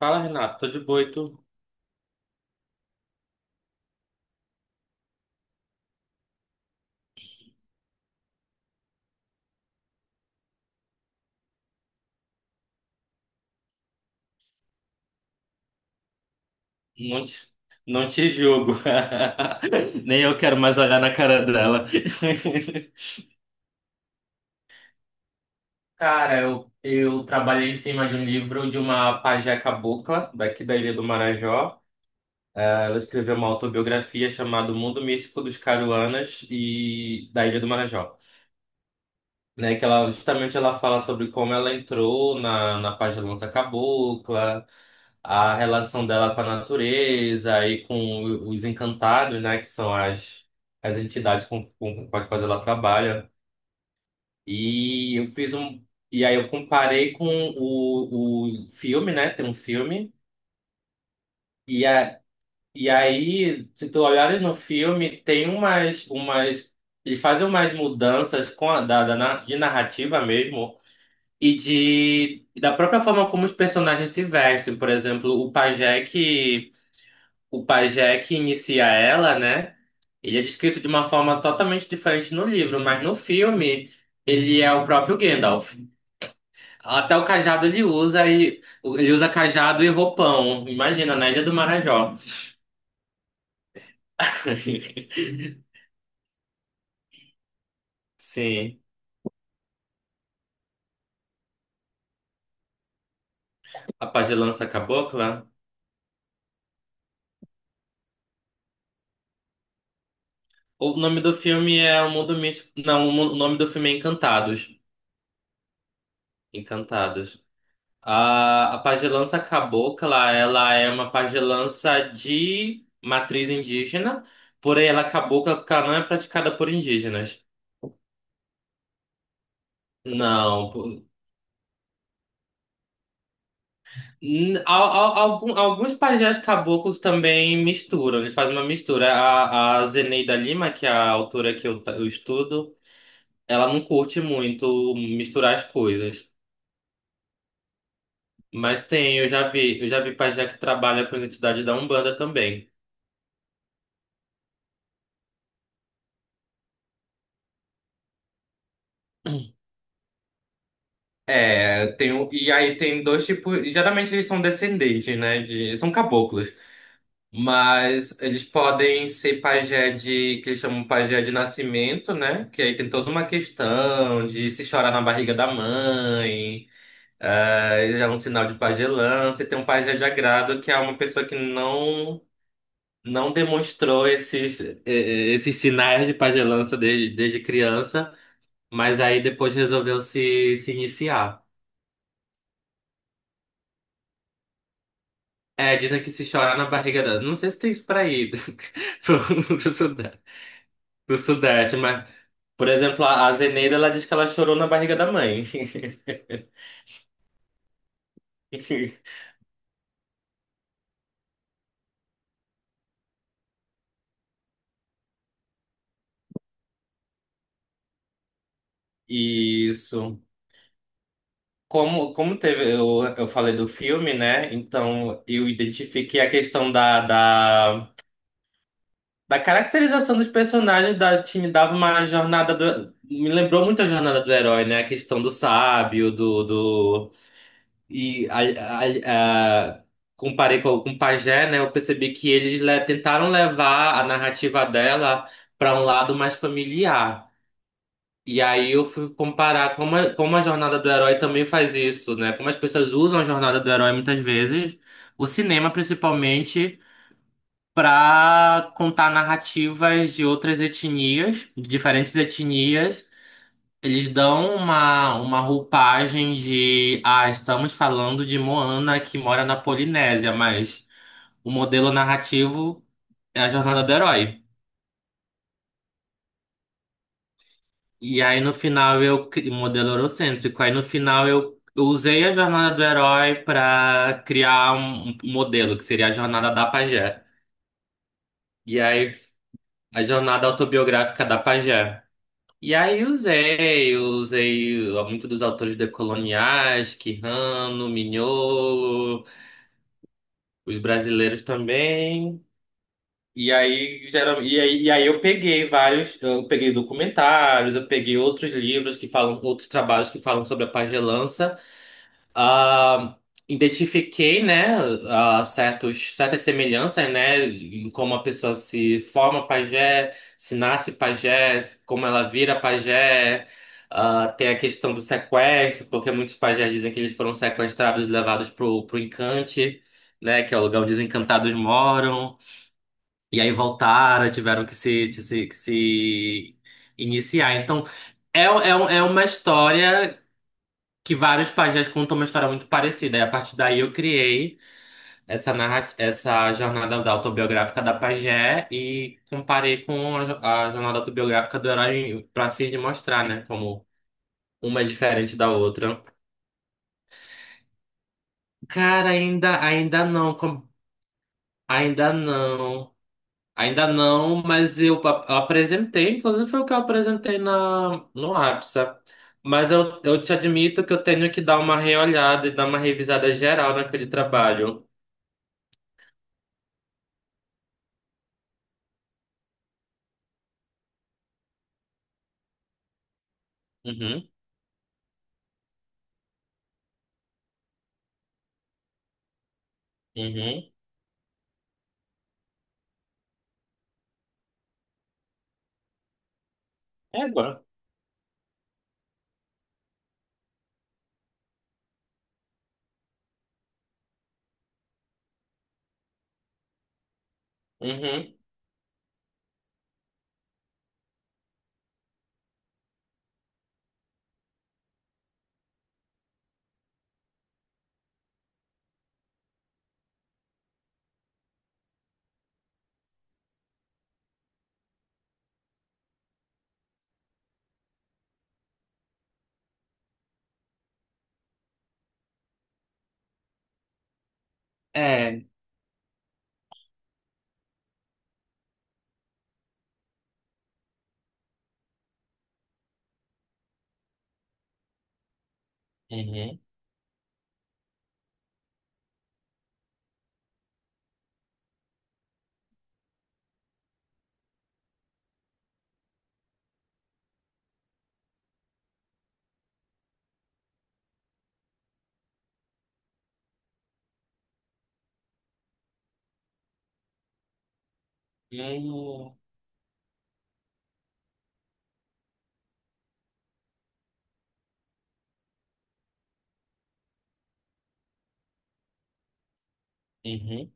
Fala, Renato, tô de boa e tu? Não te, não te julgo. Nem eu quero mais olhar na cara dela. Cara, eu trabalhei em cima de um livro de uma pajé cabocla, daqui da Ilha do Marajó. Ela escreveu uma autobiografia chamada O Mundo Místico dos Caruanas e da Ilha do Marajó, né? Que ela justamente ela fala sobre como ela entrou na pagelança cabocla, a relação dela com a natureza e com os encantados, né? Que são as entidades com, com as quais ela trabalha. E eu fiz um. E aí eu comparei com o filme, né? Tem um filme. E, a, e aí, se tu olhares no filme, tem umas. Eles fazem umas mudanças com a, da, da, na- de narrativa mesmo. E de e da própria forma como os personagens se vestem. Por exemplo, o pajé que inicia ela, né? Ele é descrito de uma forma totalmente diferente no livro, mas no filme ele é o próprio Gandalf. Até o cajado ele usa, e ele usa cajado e roupão. Imagina, na Ilha do Marajó. Sim, a pagelança cabocla. O nome do filme é O Mundo Místico. Não, o nome do filme é Encantados. Encantados. A pagelança cabocla, ela é uma pagelança de matriz indígena, porém ela é cabocla porque ela não é praticada por indígenas. Não. Alguns pajés caboclos também misturam, eles fazem uma mistura. A Zeneida Lima, que é a autora que eu estudo, ela não curte muito misturar as coisas. Mas tem, eu já vi pajé que trabalha com a identidade da Umbanda também. É, tem, e aí tem dois tipos. Geralmente eles são descendentes, né? São caboclos. Mas eles podem ser pajé de nascimento, né? Que aí tem toda uma questão de se chorar na barriga da mãe, é, já é um sinal de pajelança. E tem um pajé de agrado, que é uma pessoa que não, não demonstrou esses, esses sinais de pajelança desde, desde criança, mas aí depois resolveu se iniciar. É, dizem que se chorar na barriga dela. Não sei se tem isso pra ir do, pro, pro Sudeste, pro Sudeste, mas, por exemplo, a Zeneida, ela diz que ela chorou na barriga da mãe. Isso. Eu falei do filme, né? Então eu identifiquei a questão da caracterização dos personagens da time dava uma jornada do. Me lembrou muito a jornada do herói, né? A questão do sábio, E a- a- comparei com o Pajé, né? Eu percebi que eles tentaram levar a narrativa dela para um lado mais familiar. E aí eu fui comparar como a jornada do herói também faz isso, né? Como as pessoas usam a jornada do herói muitas vezes, o cinema principalmente, para contar narrativas de outras etnias, de diferentes etnias. Eles dão uma roupagem de, ah, estamos falando de Moana que mora na Polinésia, mas o modelo narrativo é a jornada do herói. E aí no final modelo eurocêntrico. Aí no final eu usei a jornada do herói para criar um modelo, que seria a jornada da pajé. E aí a jornada autobiográfica da pajé. E aí usei muitos dos autores decoloniais, Quijano, Mignolo, os brasileiros também. E aí, geral, e aí eu peguei vários, eu peguei documentários, eu peguei outros livros que falam, outros trabalhos que falam sobre a pagelança. Ah, identifiquei, né, ah, certos, certas semelhanças, né, em como a pessoa se forma pajé, se nasce pajé, como ela vira pajé. Ah, tem a questão do sequestro, porque muitos pajés dizem que eles foram sequestrados e levados pro encante, né, que é o lugar onde os encantados moram. E aí voltaram, tiveram que se, que se, que se iniciar. Então, é uma história que vários pajés contam, uma história muito parecida. E a partir daí eu criei essa jornada da autobiográfica da pajé e comparei com a jornada autobiográfica do herói, para fim de mostrar, né, como uma é diferente da outra. Cara, ainda não, ainda não. Ainda não, mas eu apresentei, inclusive foi o que eu apresentei na, no APSA. Mas eu te admito que eu tenho que dar uma reolhada e dar uma revisada geral naquele trabalho. Uhum. Uhum. É bom. Uhum. É. Uhum. Uhum. Uhum.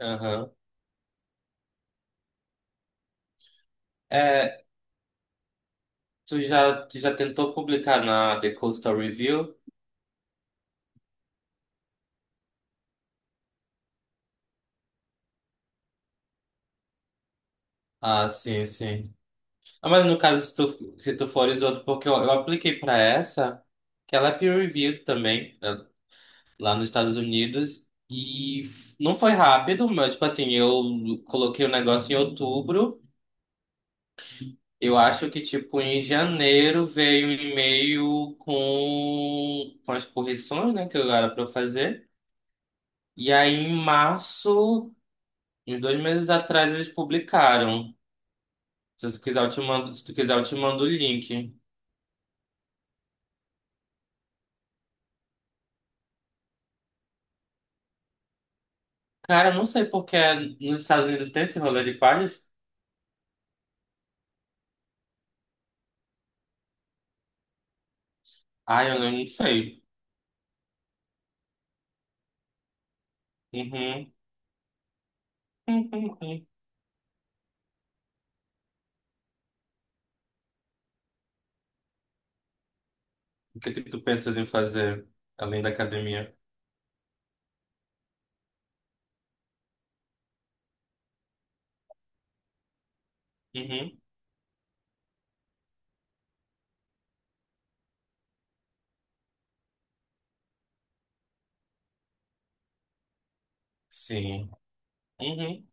Aham. É, tu já tentou publicar na The Coastal Review? Ah, sim, sim. Ah, mas no caso, se tu, se tu fores outro, porque eu apliquei pra essa, que ela é peer-reviewed também, né, lá nos Estados Unidos, e não foi rápido, mas, tipo assim, eu coloquei o negócio em outubro. Eu acho que, tipo, em janeiro veio um e-mail com as correções, né, que eu era pra eu fazer. E aí, em março, uns dois meses atrás, eles publicaram. Se tu quiser, eu te mando, se tu quiser, eu te mando o link. Cara, eu não sei porque nos Estados Unidos tem esse rolê de pares. Ah, eu não sei. Uhum. Uhum. Uhum. O que que tu pensas em fazer além da academia? Uhum. Sim. Uhum.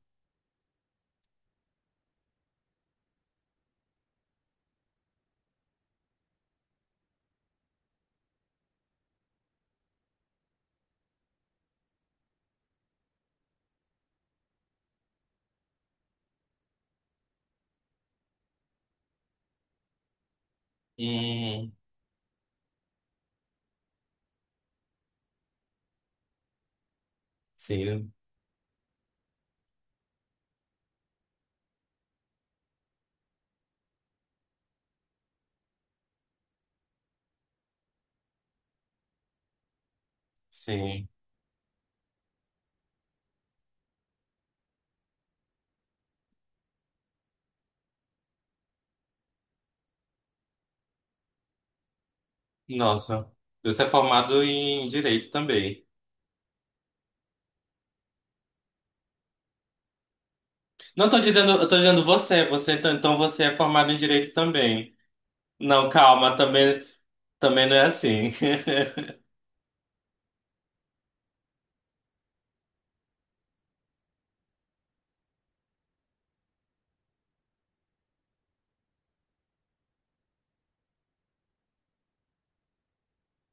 Uhum. Sim. Sim. Nossa, você é formado em direito também. Não tô dizendo, eu tô dizendo você, você então você é formado em direito também. Não, calma, também também não é assim.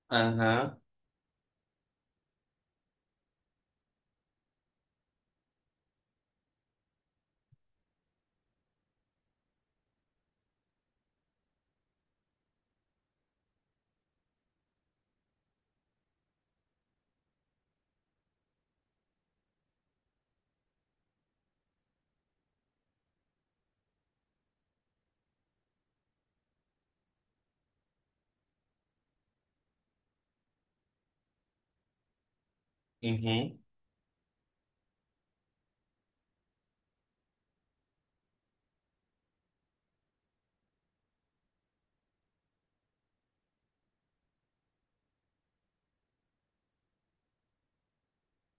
Aham, uhum,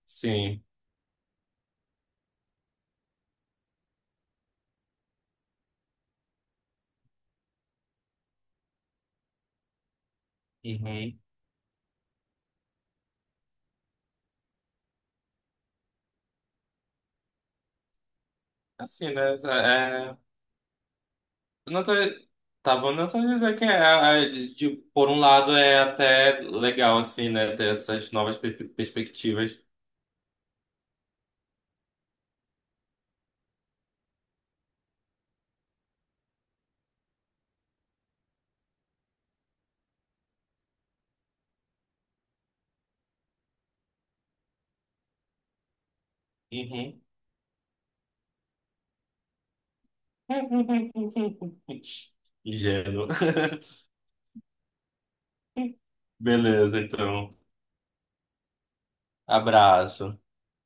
sim, uhum. Assim, né? Nota- Tá bom, não tô dizendo que por um lado é até legal, assim, né, ter essas novas perspectivas. Uhum. Ingênuo. Beleza, então. Abraço.